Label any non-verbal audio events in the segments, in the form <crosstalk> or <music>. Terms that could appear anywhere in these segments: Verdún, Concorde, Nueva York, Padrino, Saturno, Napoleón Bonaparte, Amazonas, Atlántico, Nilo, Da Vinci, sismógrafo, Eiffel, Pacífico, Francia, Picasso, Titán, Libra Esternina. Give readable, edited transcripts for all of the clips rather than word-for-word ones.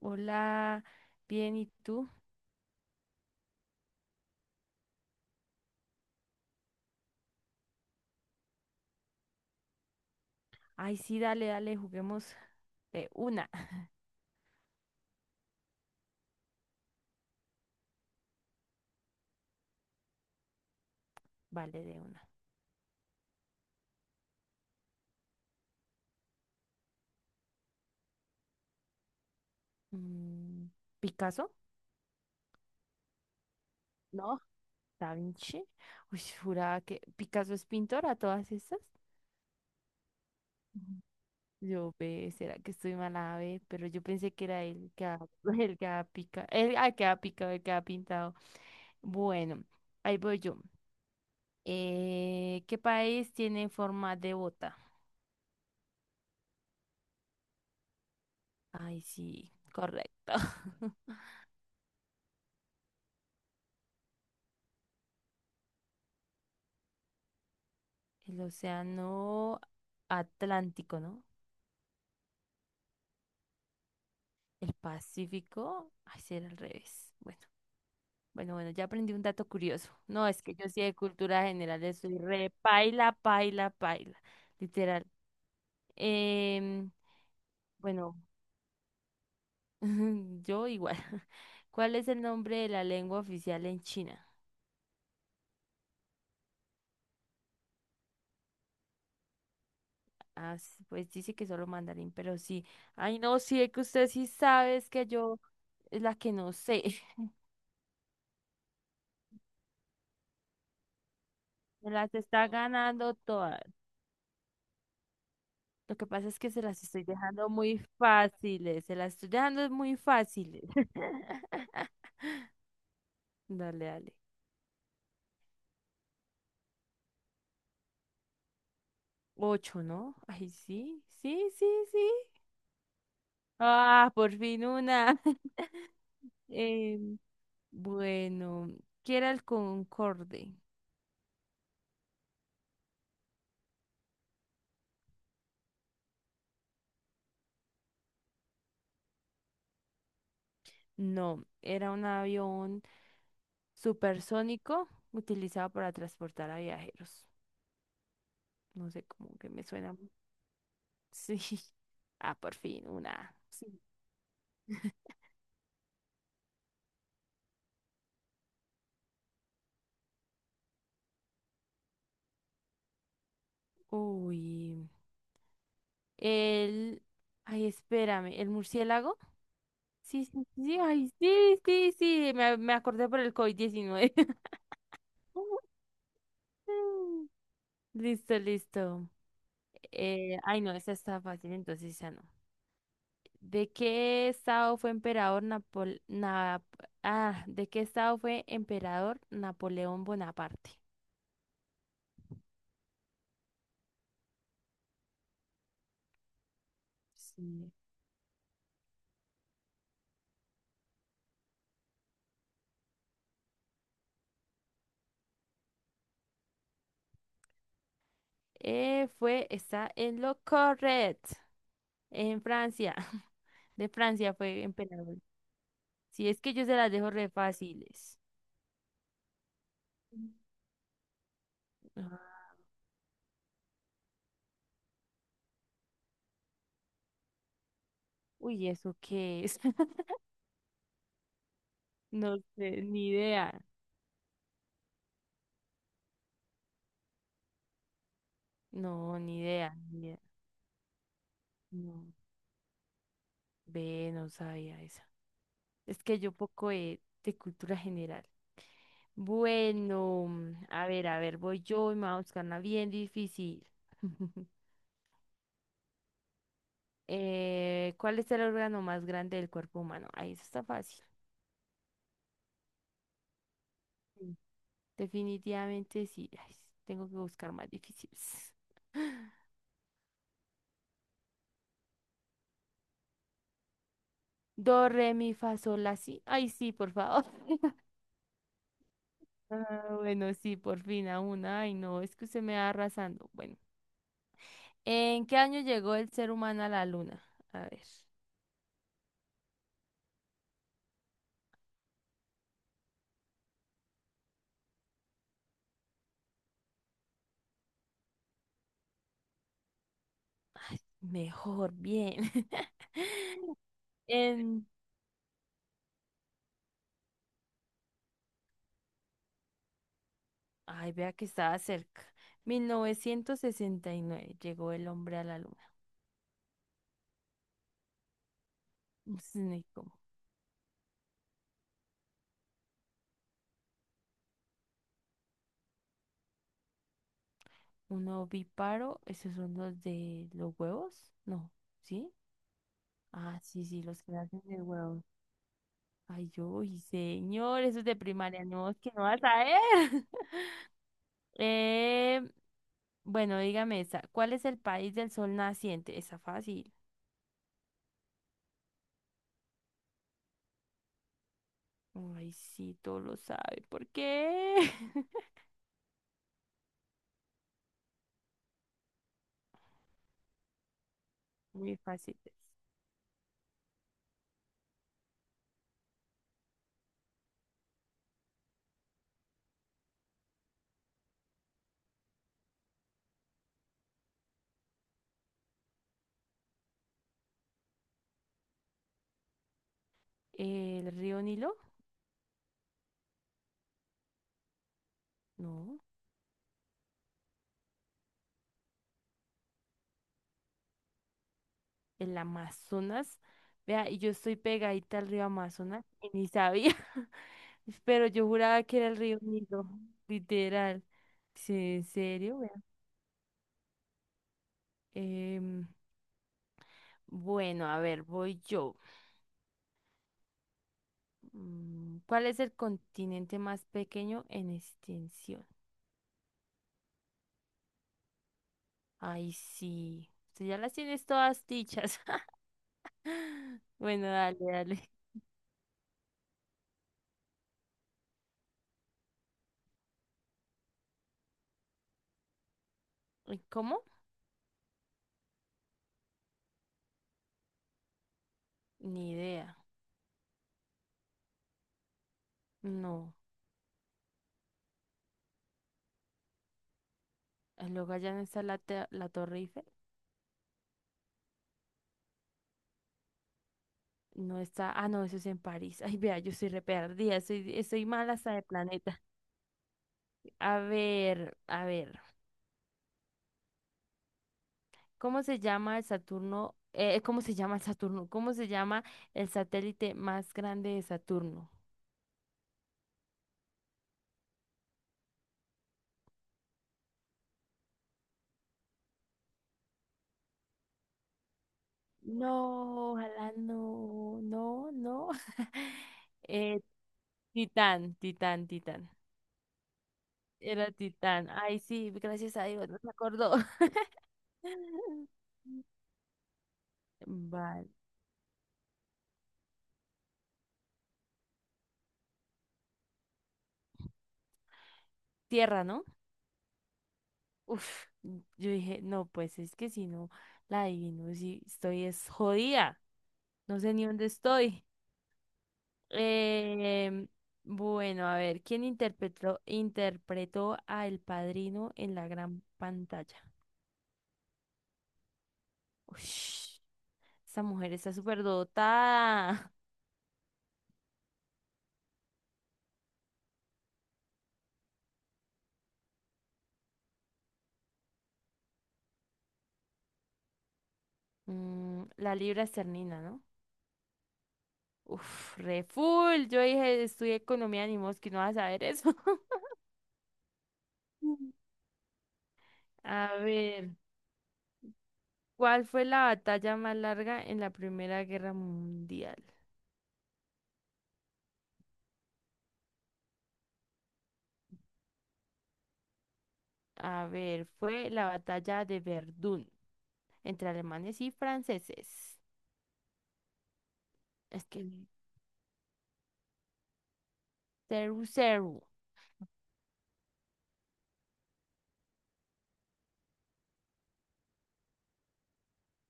Hola, bien, ¿y tú? Ay, sí, dale, dale, juguemos de una. <laughs> Vale, de una. Mm, ¿Picasso? No, Da Vinci. Uy, juraba que Picasso es pintor a todas estas. Ujú. Yo ve, será que estoy mala, ve, pero yo pensé que era él que ha, <laughs> el que ha picado, el, que ha picado, el que ha pintado. Bueno, ahí voy yo. ¿Qué país tiene forma de bota? Ay, sí, correcto. <laughs> El océano Atlántico, ¿no? El Pacífico, ay, sí, era al revés. Bueno, bueno, bueno, ya aprendí un dato curioso. No, es que yo sí de cultura general soy re paila, paila, paila, literal. Em, bueno, <laughs> yo igual. <laughs> ¿Cuál es el nombre de la lengua oficial en China? Ah, pues dice que solo mandarín, pero sí. Ay, no, sí, es que usted sí sabe, es que yo es la que no sé. <laughs> Me las está ganando todas. Lo que pasa es que se las estoy dejando muy fáciles, se las estoy dejando muy fáciles. <laughs> Dale, dale. Ocho, ¿no? Ay, sí, sí, sí, sí. Ah, por fin una. <laughs> Em, bueno, ¿qué era el Concorde? No, era un avión supersónico utilizado para transportar a viajeros. No sé cómo que me suena. Sí. <laughs> Ah, por fin una. Sí. Uy. El... Ay, espérame, ¿el murciélago? Sí, sí, sí, sí, ay, sí, sí, sí, me acordé por el COVID-19. <laughs> Listo, listo. Ay, no, esa está fácil, entonces ya no. ¿De qué estado fue emperador Napol... Nap- ¿De qué estado fue emperador Napoleón Bonaparte? Sí. Está en lo correcto, en Francia. <laughs> De Francia fue emperador. Si es que yo se las dejo re fáciles. Ah, uy, ¿eso qué es? <laughs> No sé, ni idea. No, ni idea, ni idea. No, ve, no sabía esa. Es que yo poco de, cultura general. Bueno, a ver, voy yo y me voy a buscar una bien difícil. <laughs> ¿Cuál es el órgano más grande del cuerpo humano? Ahí eso está fácil. Sí. Definitivamente sí. Ay, tengo que buscar más difíciles. <laughs> Do, re, mi, fa, sol, la, si. Ay, sí, por favor. <laughs> Ah, bueno, sí, por fin a una. Ay, no, es que usted me va arrasando. Bueno, ¿en qué año llegó el ser humano a la luna? A ver. Ay, mejor, bien. <laughs> En, Ay, vea que estaba cerca. 1969 llegó el hombre a la luna. Ups, ni cómo. Un ovíparo, esos son los de los huevos, no, ¿sí? Ah, sí, sí, los que hacen de huevos. Ay, yo, uy, señor, eso es de primaria, no, es que no vas a ver. <laughs> Eh, bueno, dígame esta, ¿cuál es el país del sol naciente? Está fácil. Ay, sí, todo lo sabe. ¿Por qué? <laughs> Muy fácil. ¿El río Nilo? No. ¿El Amazonas? Vea, y yo estoy pegadita al río Amazonas y ni sabía. <laughs> Pero yo juraba que era el río Nilo, literal. Sí, ¿en serio? Vea. Em. Bueno, a ver, voy yo. ¿Cuál es el continente más pequeño en extensión? Ay, sí. Tú ya las tienes todas dichas. <laughs> Bueno, dale, dale. ¿Y? ¿Cómo? Ni idea. No. Ah, luego allá no está la Torre Eiffel. No está. Ah, no, eso es en París. <laughs> Ay, vea, yo soy re perdida. Estoy mal hasta de planeta. A ver, a ver. ¿Cómo se llama el Saturno? ¿Cómo se llama el Saturno? ¿Cómo se llama el satélite más grande de Saturno? No, ojalá no, no, no. <laughs> Eh, Titán, Titán, Titán. Era Titán. Ay, sí, gracias a Dios, no se acordó. <laughs> Vale. Tierra, ¿no? Uf, yo dije, no, pues es que si no la adivino, si estoy es jodida. No sé ni dónde estoy. Eh, bueno, a ver, ¿quién interpretó a El Padrino en la gran pantalla? Ush, esa mujer está súper dotada. <laughs> La Libra Esternina, ¿no? Uf, re full. Yo dije, estudié economía, ni mosquito, no vas a saber eso. <laughs> Mm. A ver, ¿cuál fue la batalla más larga en la Primera Guerra Mundial? A ver, fue la batalla de Verdún entre alemanes y franceses. Es que Ceru Ceru.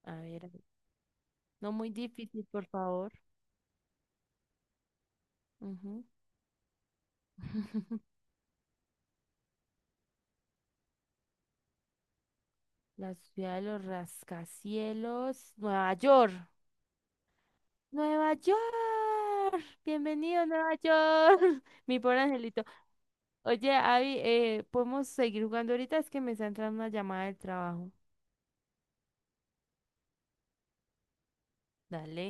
A ver, no muy difícil, por favor. Ujú. La ciudad de los rascacielos. Nueva York. Nueva York. Bienvenido, a Nueva York. <laughs> Mi pobre angelito. Oye, Abby, ¿podemos seguir jugando ahorita? Es que me está entrando una llamada del trabajo. Dale.